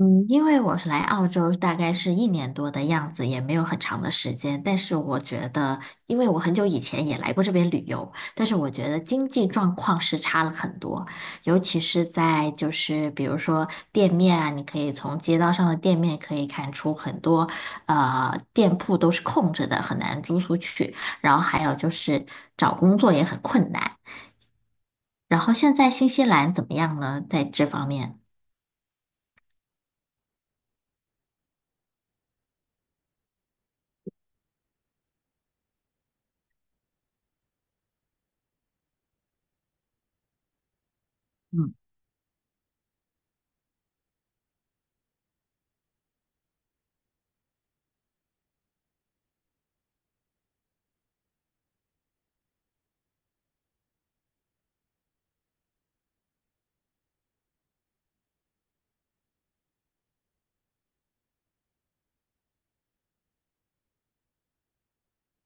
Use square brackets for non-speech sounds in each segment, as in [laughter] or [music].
嗯，因为我是来澳洲大概是1年多的样子，也没有很长的时间。但是我觉得，因为我很久以前也来过这边旅游，但是我觉得经济状况是差了很多，尤其是在就是比如说店面啊，你可以从街道上的店面可以看出很多店铺都是空着的，很难租出去。然后还有就是找工作也很困难。然后现在新西兰怎么样呢？在这方面？嗯。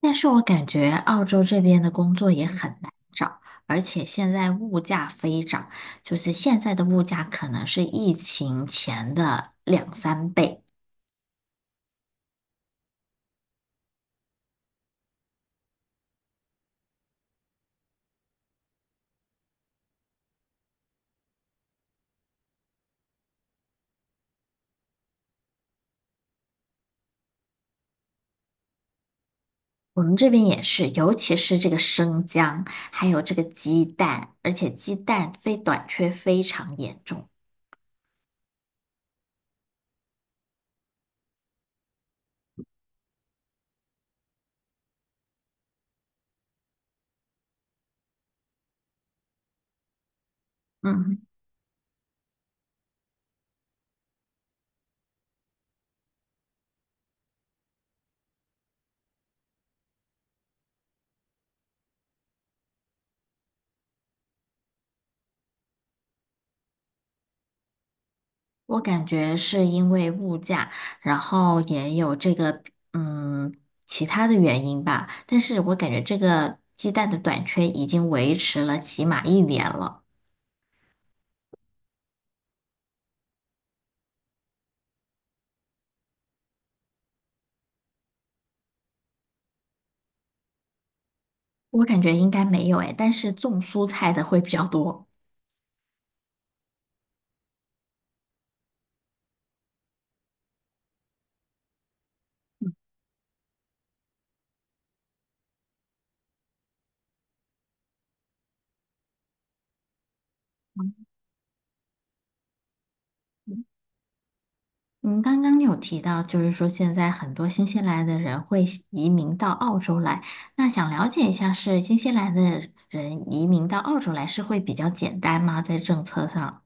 但是我感觉澳洲这边的工作也很难找，而且现在物价飞涨，就是现在的物价可能是疫情前的2、3倍。我们这边也是，尤其是这个生姜，还有这个鸡蛋，而且鸡蛋非短缺非常严重。嗯。我感觉是因为物价，然后也有这个嗯其他的原因吧，但是我感觉这个鸡蛋的短缺已经维持了起码一年了。我感觉应该没有诶，但是种蔬菜的会比较多。嗯，刚刚你有提到，就是说现在很多新西兰的人会移民到澳洲来，那想了解一下，是新西兰的人移民到澳洲来是会比较简单吗？在政策上？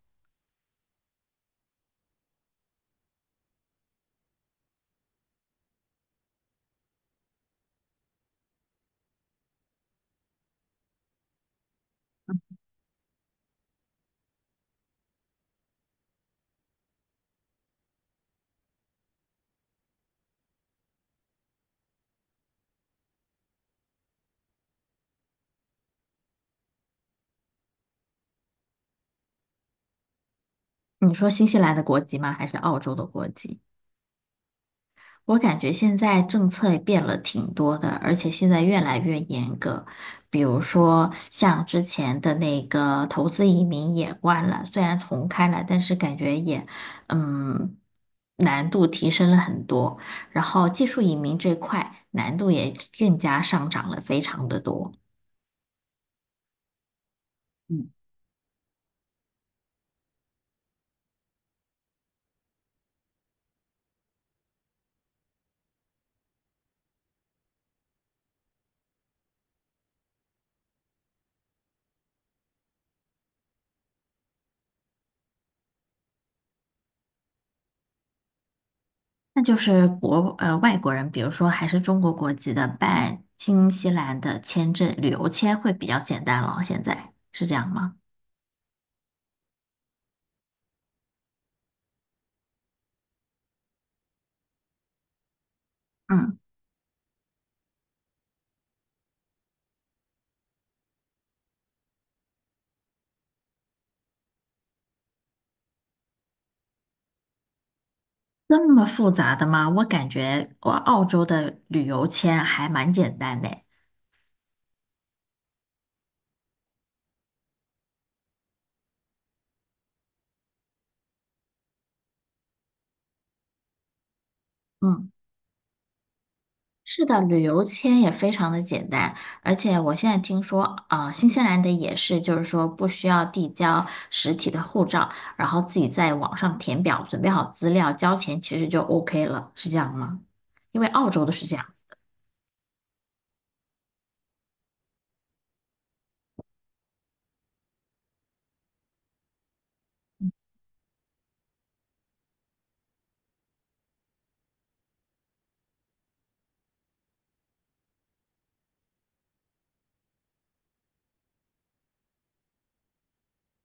你说新西兰的国籍吗？还是澳洲的国籍？我感觉现在政策也变了挺多的，而且现在越来越严格。比如说，像之前的那个投资移民也关了，虽然重开了，但是感觉也，嗯，难度提升了很多。然后技术移民这块难度也更加上涨了非常的多。那就是外国人，比如说还是中国国籍的，办新西兰的签证旅游签会比较简单了。现在是这样吗？嗯，那么复杂的吗？我感觉我澳洲的旅游签还蛮简单的诶。嗯。是的，旅游签也非常的简单，而且我现在听说，啊、新西兰的也是，就是说不需要递交实体的护照，然后自己在网上填表，准备好资料，交钱，其实就 OK 了，是这样吗？因为澳洲的是这样。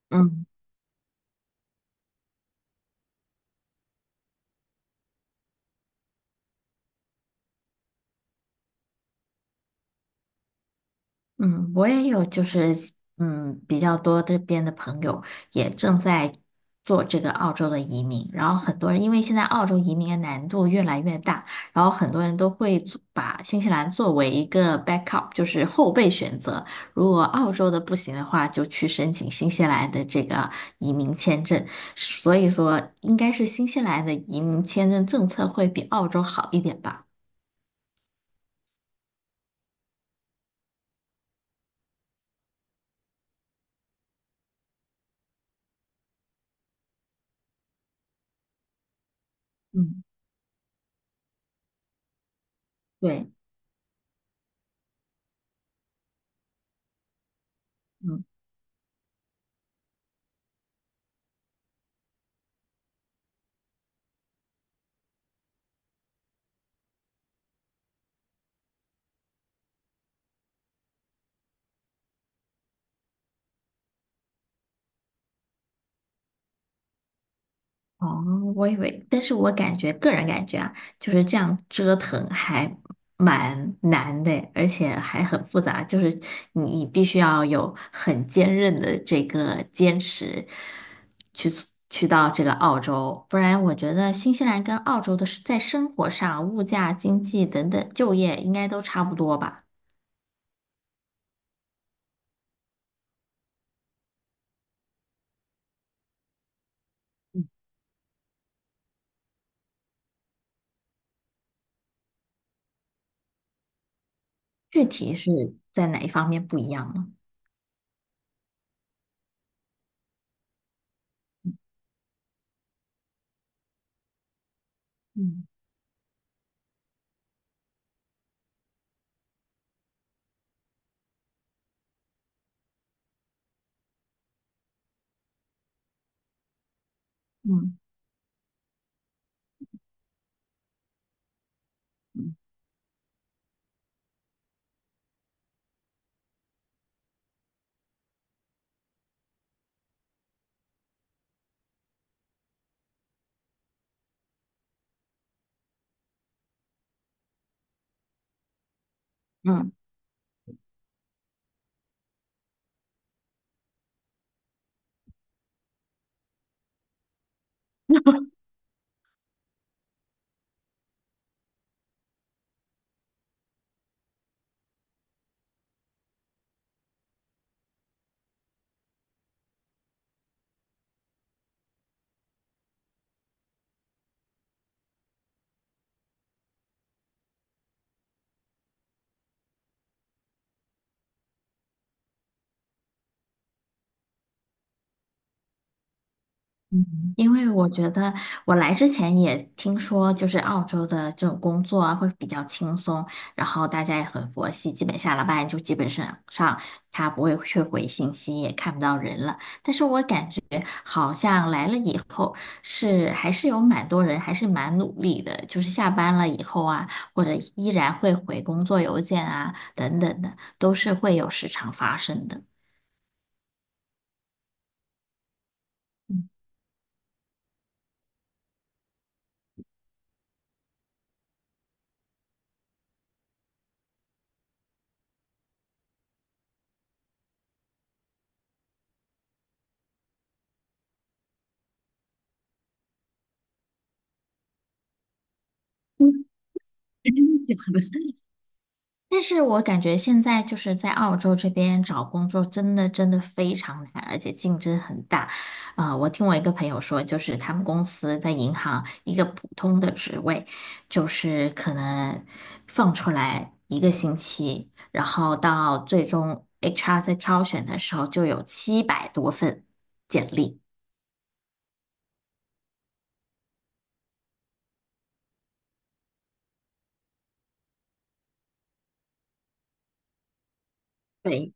嗯。嗯，我也有，就是比较多这边的朋友也正在做这个澳洲的移民，然后很多人因为现在澳洲移民的难度越来越大，然后很多人都会做把新西兰作为一个 backup,就是后备选择。如果澳洲的不行的话，就去申请新西兰的这个移民签证。所以说，应该是新西兰的移民签证政策会比澳洲好一点吧？嗯。对。嗯。哦，我以为，但是我感觉个人感觉啊，就是这样折腾还蛮难的，而且还很复杂，就是你必须要有很坚韧的这个坚持去去到这个澳洲，不然我觉得新西兰跟澳洲的是在生活上、物价、经济等等、就业应该都差不多吧？具体是在哪一方面不一样呢？嗯嗯嗯。嗯，因为我觉得我来之前也听说，就是澳洲的这种工作啊会比较轻松，然后大家也很佛系，基本下了班就基本上他不会去回信息，也看不到人了。但是我感觉好像来了以后是还是有蛮多人还是蛮努力的，就是下班了以后啊，或者依然会回工作邮件啊等等的，都是会有时常发生的。嗯，嗯 [laughs] 真的假的？但是我感觉现在就是在澳洲这边找工作真的真的非常难，而且竞争很大。啊，我听我一个朋友说，就是他们公司在银行一个普通的职位，就是可能放出来1个星期，然后到最终 HR 在挑选的时候就有700多份简历。对，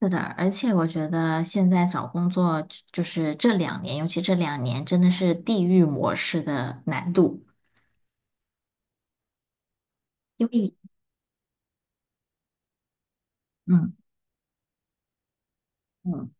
是的，而且我觉得现在找工作就是这两年，尤其这两年真的是地域模式的难度。因为嗯嗯，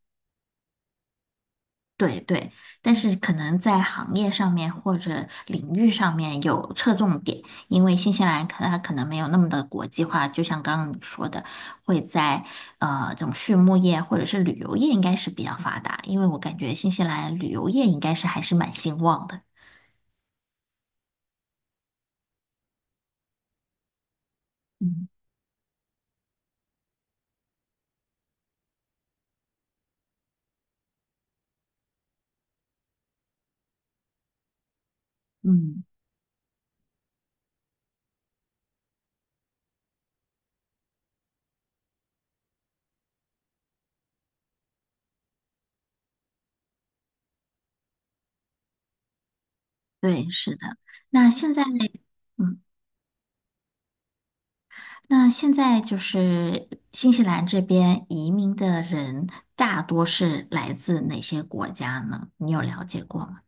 对对，但是可能在行业上面或者领域上面有侧重点，因为新西兰可它可能没有那么的国际化，就像刚刚你说的，会在这种畜牧业或者是旅游业应该是比较发达，因为我感觉新西兰旅游业应该是还是蛮兴旺的。嗯嗯，对，是的。那现在，嗯。那现在就是新西兰这边移民的人大多是来自哪些国家呢？你有了解过吗？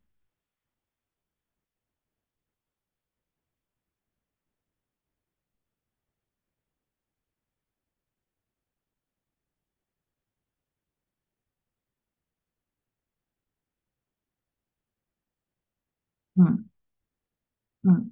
嗯嗯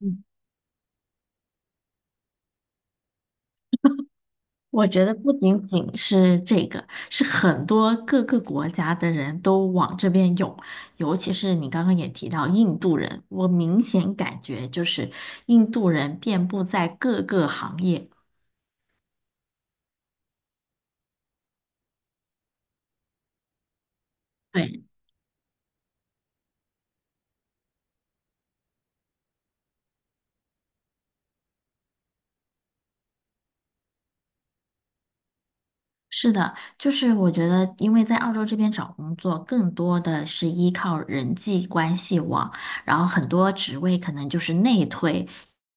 嗯，我觉得不仅仅是这个，是很多各个国家的人都往这边涌，尤其是你刚刚也提到印度人，我明显感觉就是印度人遍布在各个行业。对。是的，就是我觉得，因为在澳洲这边找工作，更多的是依靠人际关系网，然后很多职位可能就是内推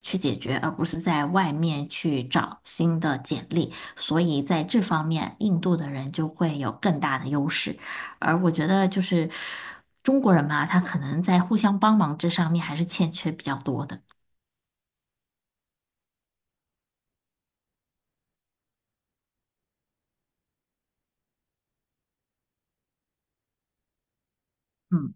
去解决，而不是在外面去找新的简历，所以在这方面，印度的人就会有更大的优势。而我觉得就是中国人嘛，他可能在互相帮忙这上面还是欠缺比较多的。嗯。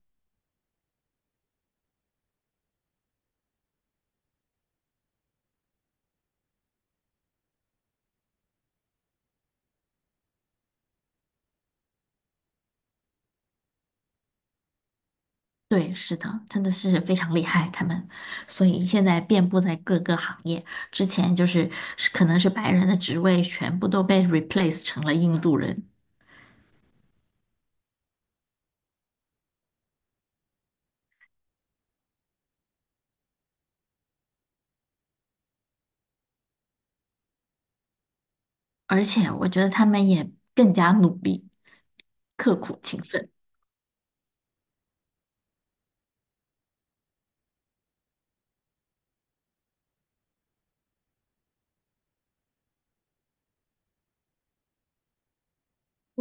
对，是的，真的是非常厉害，他们，所以现在遍布在各个行业。之前就是是可能是白人的职位全部都被 replace 成了印度人，而且我觉得他们也更加努力、刻苦勤奋。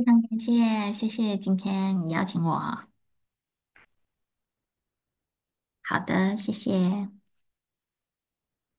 感谢，谢谢今天你邀请我。好的，谢谢。